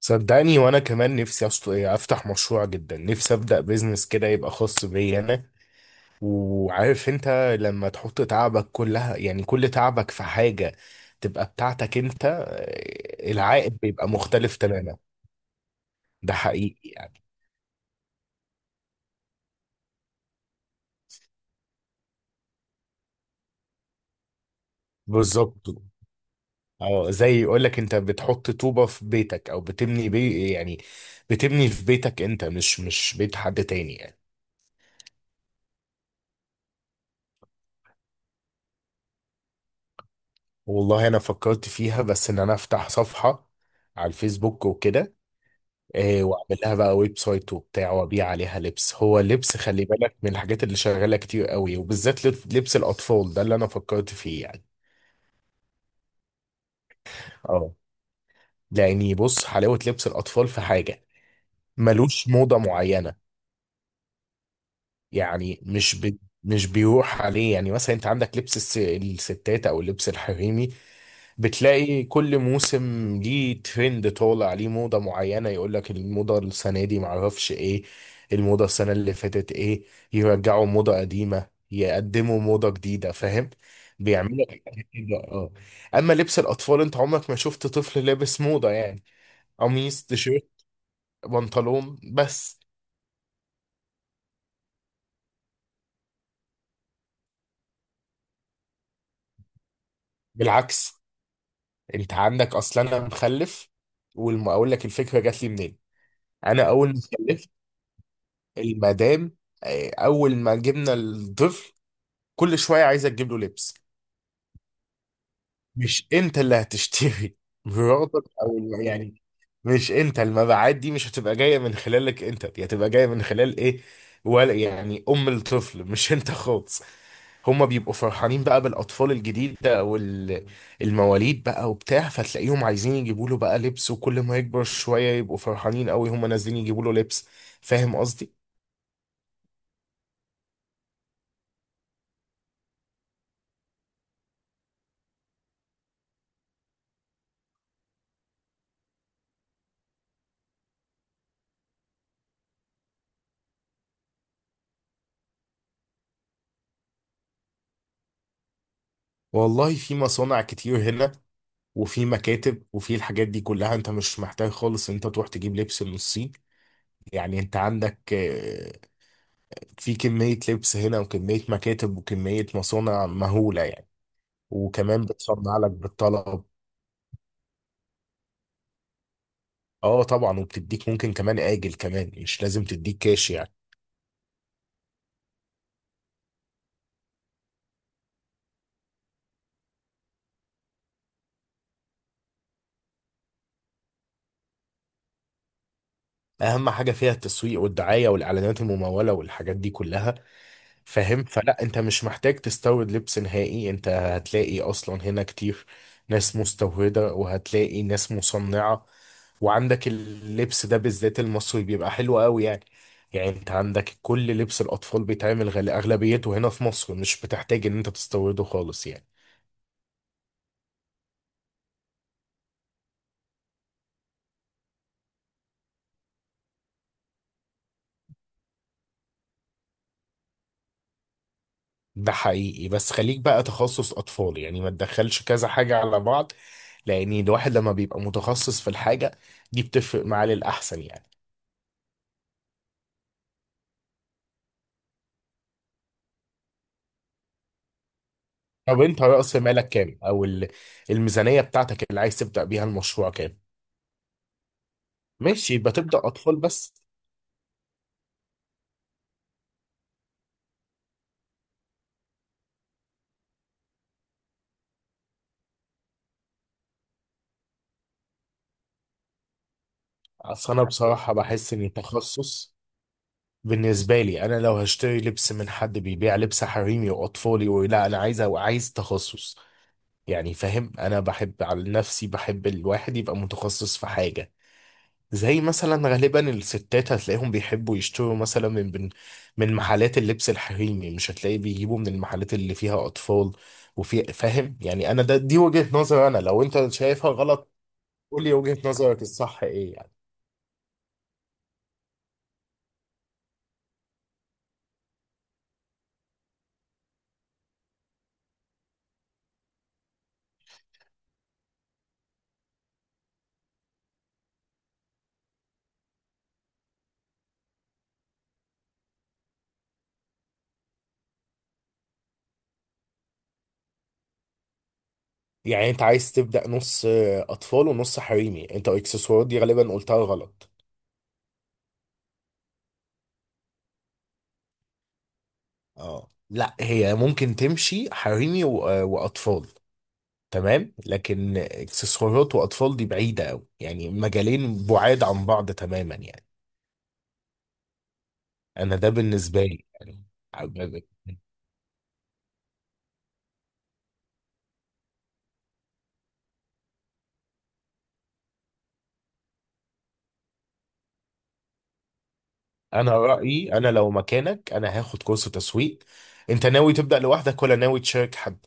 صدقني، وانا كمان نفسي افتح مشروع. جدا نفسي ابدا بيزنس كده يبقى خاص بيا انا، وعارف انت لما تحط تعبك كلها، يعني كل تعبك في حاجة تبقى بتاعتك انت، العائد بيبقى مختلف تماما. ده حقيقي يعني. بالظبط. اه زي يقول لك انت بتحط طوبة في بيتك او بتبني بي يعني بتبني في بيتك انت، مش بيت حد تاني يعني. والله انا فكرت فيها، بس ان انا افتح صفحة على الفيسبوك وكده. إيه، واعمل لها بقى ويب سايت وبتاع، وابيع عليها لبس. هو اللبس خلي بالك من الحاجات اللي شغاله كتير قوي، وبالذات لبس الاطفال، ده اللي انا فكرت فيه يعني. اه لاني بص حلاوه لبس الاطفال في حاجه ملوش موضه معينه. يعني مش مش بيروح عليه. يعني مثلا انت عندك لبس الستات او اللبس الحريمي، بتلاقي كل موسم ليه ترند طالع، ليه موضة معينة. يقول لك الموضة السنة دي معرفش ايه، الموضة السنة اللي فاتت ايه. يرجعوا موضة قديمة، يقدموا موضة جديدة، فاهم؟ بيعملوا حاجات كده. اه اما لبس الاطفال انت عمرك ما شفت طفل لابس موضة يعني. قميص، تيشيرت، بنطلون بس. بالعكس، انت عندك اصلا انا مخلف، واقول لك الفكره جات لي منين. انا اول ما خلفت المدام، اول ما جبنا الطفل كل شويه عايزه تجيب له لبس. مش انت اللي هتشتري، مراتك او يعني. مش انت، المبيعات دي مش هتبقى جايه من خلالك انت، دي هتبقى جايه من خلال ايه ولا يعني؟ ام الطفل مش انت خالص. هما بيبقوا فرحانين بقى بالاطفال الجديده او المواليد بقى وبتاع، فتلاقيهم عايزين يجيبوا له بقى لبس، وكل ما يكبر شويه يبقوا فرحانين قوي هما نازلين يجيبوا له لبس. فاهم قصدي؟ والله في مصانع كتير هنا، وفي مكاتب، وفي الحاجات دي كلها. انت مش محتاج خالص ان انت تروح تجيب لبس من الصين. يعني انت عندك في كمية لبس هنا، وكمية مكاتب، وكمية مصانع مهولة يعني. وكمان بتصنع لك بالطلب. اه طبعا، وبتديك ممكن كمان آجل، كمان مش لازم تديك كاش يعني. اهم حاجه فيها التسويق والدعايه والاعلانات المموله والحاجات دي كلها. فاهم؟ فلا انت مش محتاج تستورد لبس نهائي. انت هتلاقي اصلا هنا كتير ناس مستورده، وهتلاقي ناس مصنعه، وعندك اللبس ده بالذات المصري بيبقى حلو قوي يعني. يعني انت عندك كل لبس الاطفال بيتعمل غالي اغلبيته هنا في مصر، مش بتحتاج ان انت تستورده خالص يعني. ده حقيقي، بس خليك بقى تخصص اطفال يعني. ما تدخلش كذا حاجه على بعض، لان الواحد لما بيبقى متخصص في الحاجه دي بتفرق معاه للاحسن يعني. طب انت راس مالك كام، او الميزانيه بتاعتك اللي عايز تبدا بيها المشروع كام؟ ماشي، يبقى تبدا اطفال بس. اصل انا بصراحه بحس ان التخصص بالنسبه لي، انا لو هشتري لبس من حد بيبيع لبس حريمي واطفالي ولا انا عايز تخصص؟ يعني فاهم، انا بحب على نفسي بحب الواحد يبقى متخصص في حاجه. زي مثلا غالبا الستات هتلاقيهم بيحبوا يشتروا مثلا من محلات اللبس الحريمي، مش هتلاقي بيجيبوا من المحلات اللي فيها اطفال. وفي فاهم يعني؟ انا ده دي وجهة نظر، انا لو انت شايفها غلط قول لي وجهة نظرك الصح ايه يعني. يعني انت عايز تبدأ نص اطفال ونص حريمي؟ انت اكسسوارات دي غالبا قلتها غلط. اه لا، هي ممكن تمشي حريمي واطفال، تمام. لكن اكسسوارات واطفال دي بعيدة قوي يعني، مجالين بعاد عن بعض تماما يعني. انا ده بالنسبه لي يعني. عجبك. انا رايي انا لو مكانك انا هاخد كورس تسويق. انت ناوي تبدا لوحدك ولا ناوي تشارك حد؟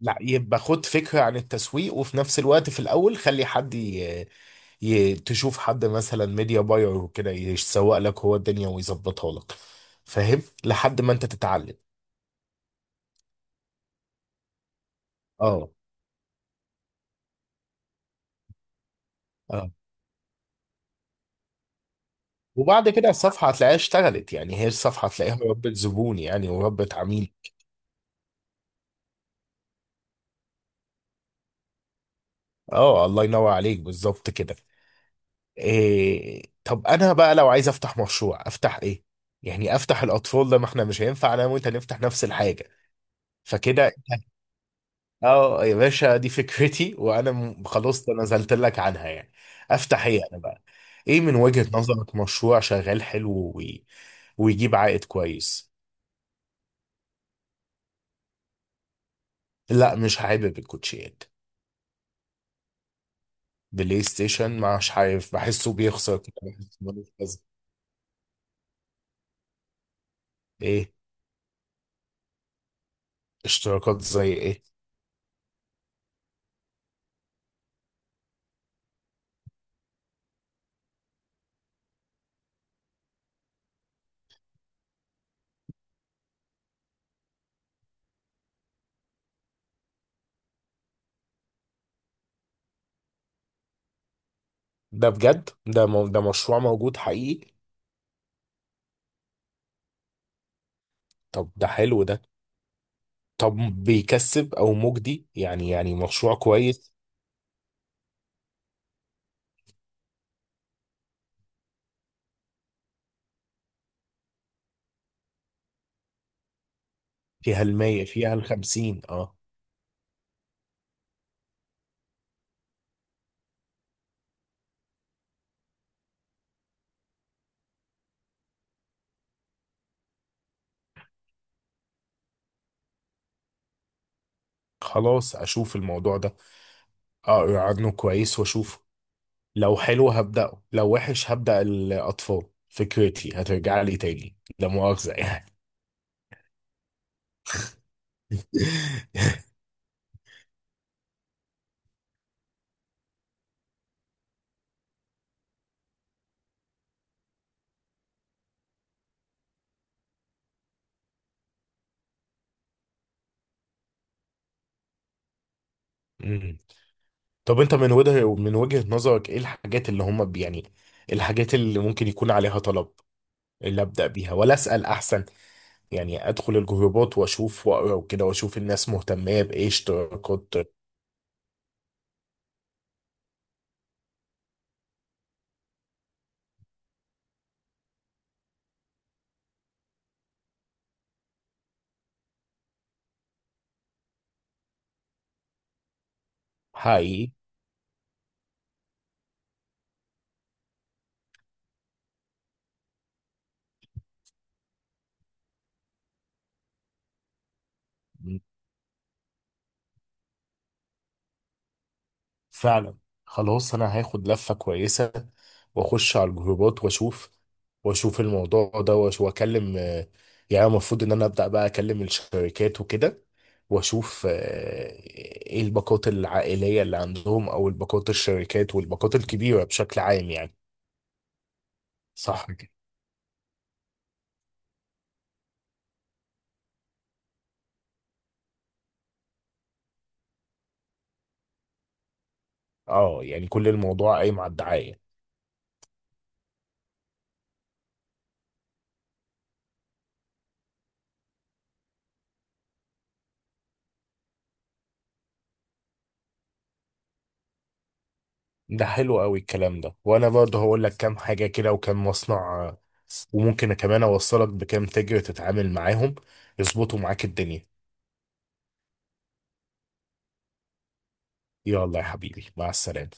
لا، يبقى خد فكره عن التسويق، وفي نفس الوقت في الاول خلي حد تشوف حد مثلا ميديا باير وكده يسوق لك هو الدنيا ويظبطها لك. فاهم؟ لحد ما انت تتعلم. اه اه. وبعد كده الصفحه هتلاقيها اشتغلت يعني، هي الصفحه هتلاقيها ربت زبون يعني، وربت عميل. اه الله ينور عليك، بالظبط كده. إيه طب انا بقى لو عايز افتح مشروع افتح ايه؟ يعني افتح الاطفال ده؟ ما احنا مش هينفع انا وانت نفتح نفس الحاجه. فكده اه يا باشا دي فكرتي وانا خلاص نزلت لك عنها يعني. افتح ايه انا بقى؟ ايه من وجهة نظرك مشروع شغال حلو ويجيب عائد كويس؟ لا مش حابب الكوتشيات. بلاي ستيشن مش عارف بحسه بيخسر كده، بحسه ملوش لازمة. ايه؟ اشتراكات زي ايه؟ ده بجد؟ ده ده مشروع موجود حقيقي؟ طب ده حلو ده. طب بيكسب او مجدي يعني، يعني مشروع كويس؟ فيها 100، فيها 50. اه خلاص، اشوف الموضوع ده، اقرا عنه كويس واشوفه. لو حلو هبدأه، لو وحش هبدأ الاطفال. فكرتي هترجع لي تاني لا مؤاخذة يعني. مم. طب انت من وجهة نظرك ايه الحاجات اللي هم يعني الحاجات اللي ممكن يكون عليها طلب، اللي ابدأ بيها؟ ولا اسأل احسن؟ يعني ادخل الجروبات واشوف واقرا وكده، واشوف الناس مهتمه بايه اشتراكات. حقيقي. فعلا. خلاص انا هاخد لفه كويسه، واخش على الجروبات واشوف، واشوف الموضوع ده واكلم يعني المفروض ان انا ابدا بقى اكلم الشركات وكده، واشوف ايه الباقات العائليه اللي عندهم، او الباقات الشركات والباقات الكبيره بشكل عام يعني. صح كده. اه يعني كل الموضوع قايم على الدعايه. ده حلو قوي الكلام ده، وانا برضه هقول لك كام حاجه كده وكام مصنع، آه، وممكن كمان اوصلك بكام تاجر تتعامل معاهم يظبطوا معاك الدنيا. يلا يا حبيبي، مع السلامه.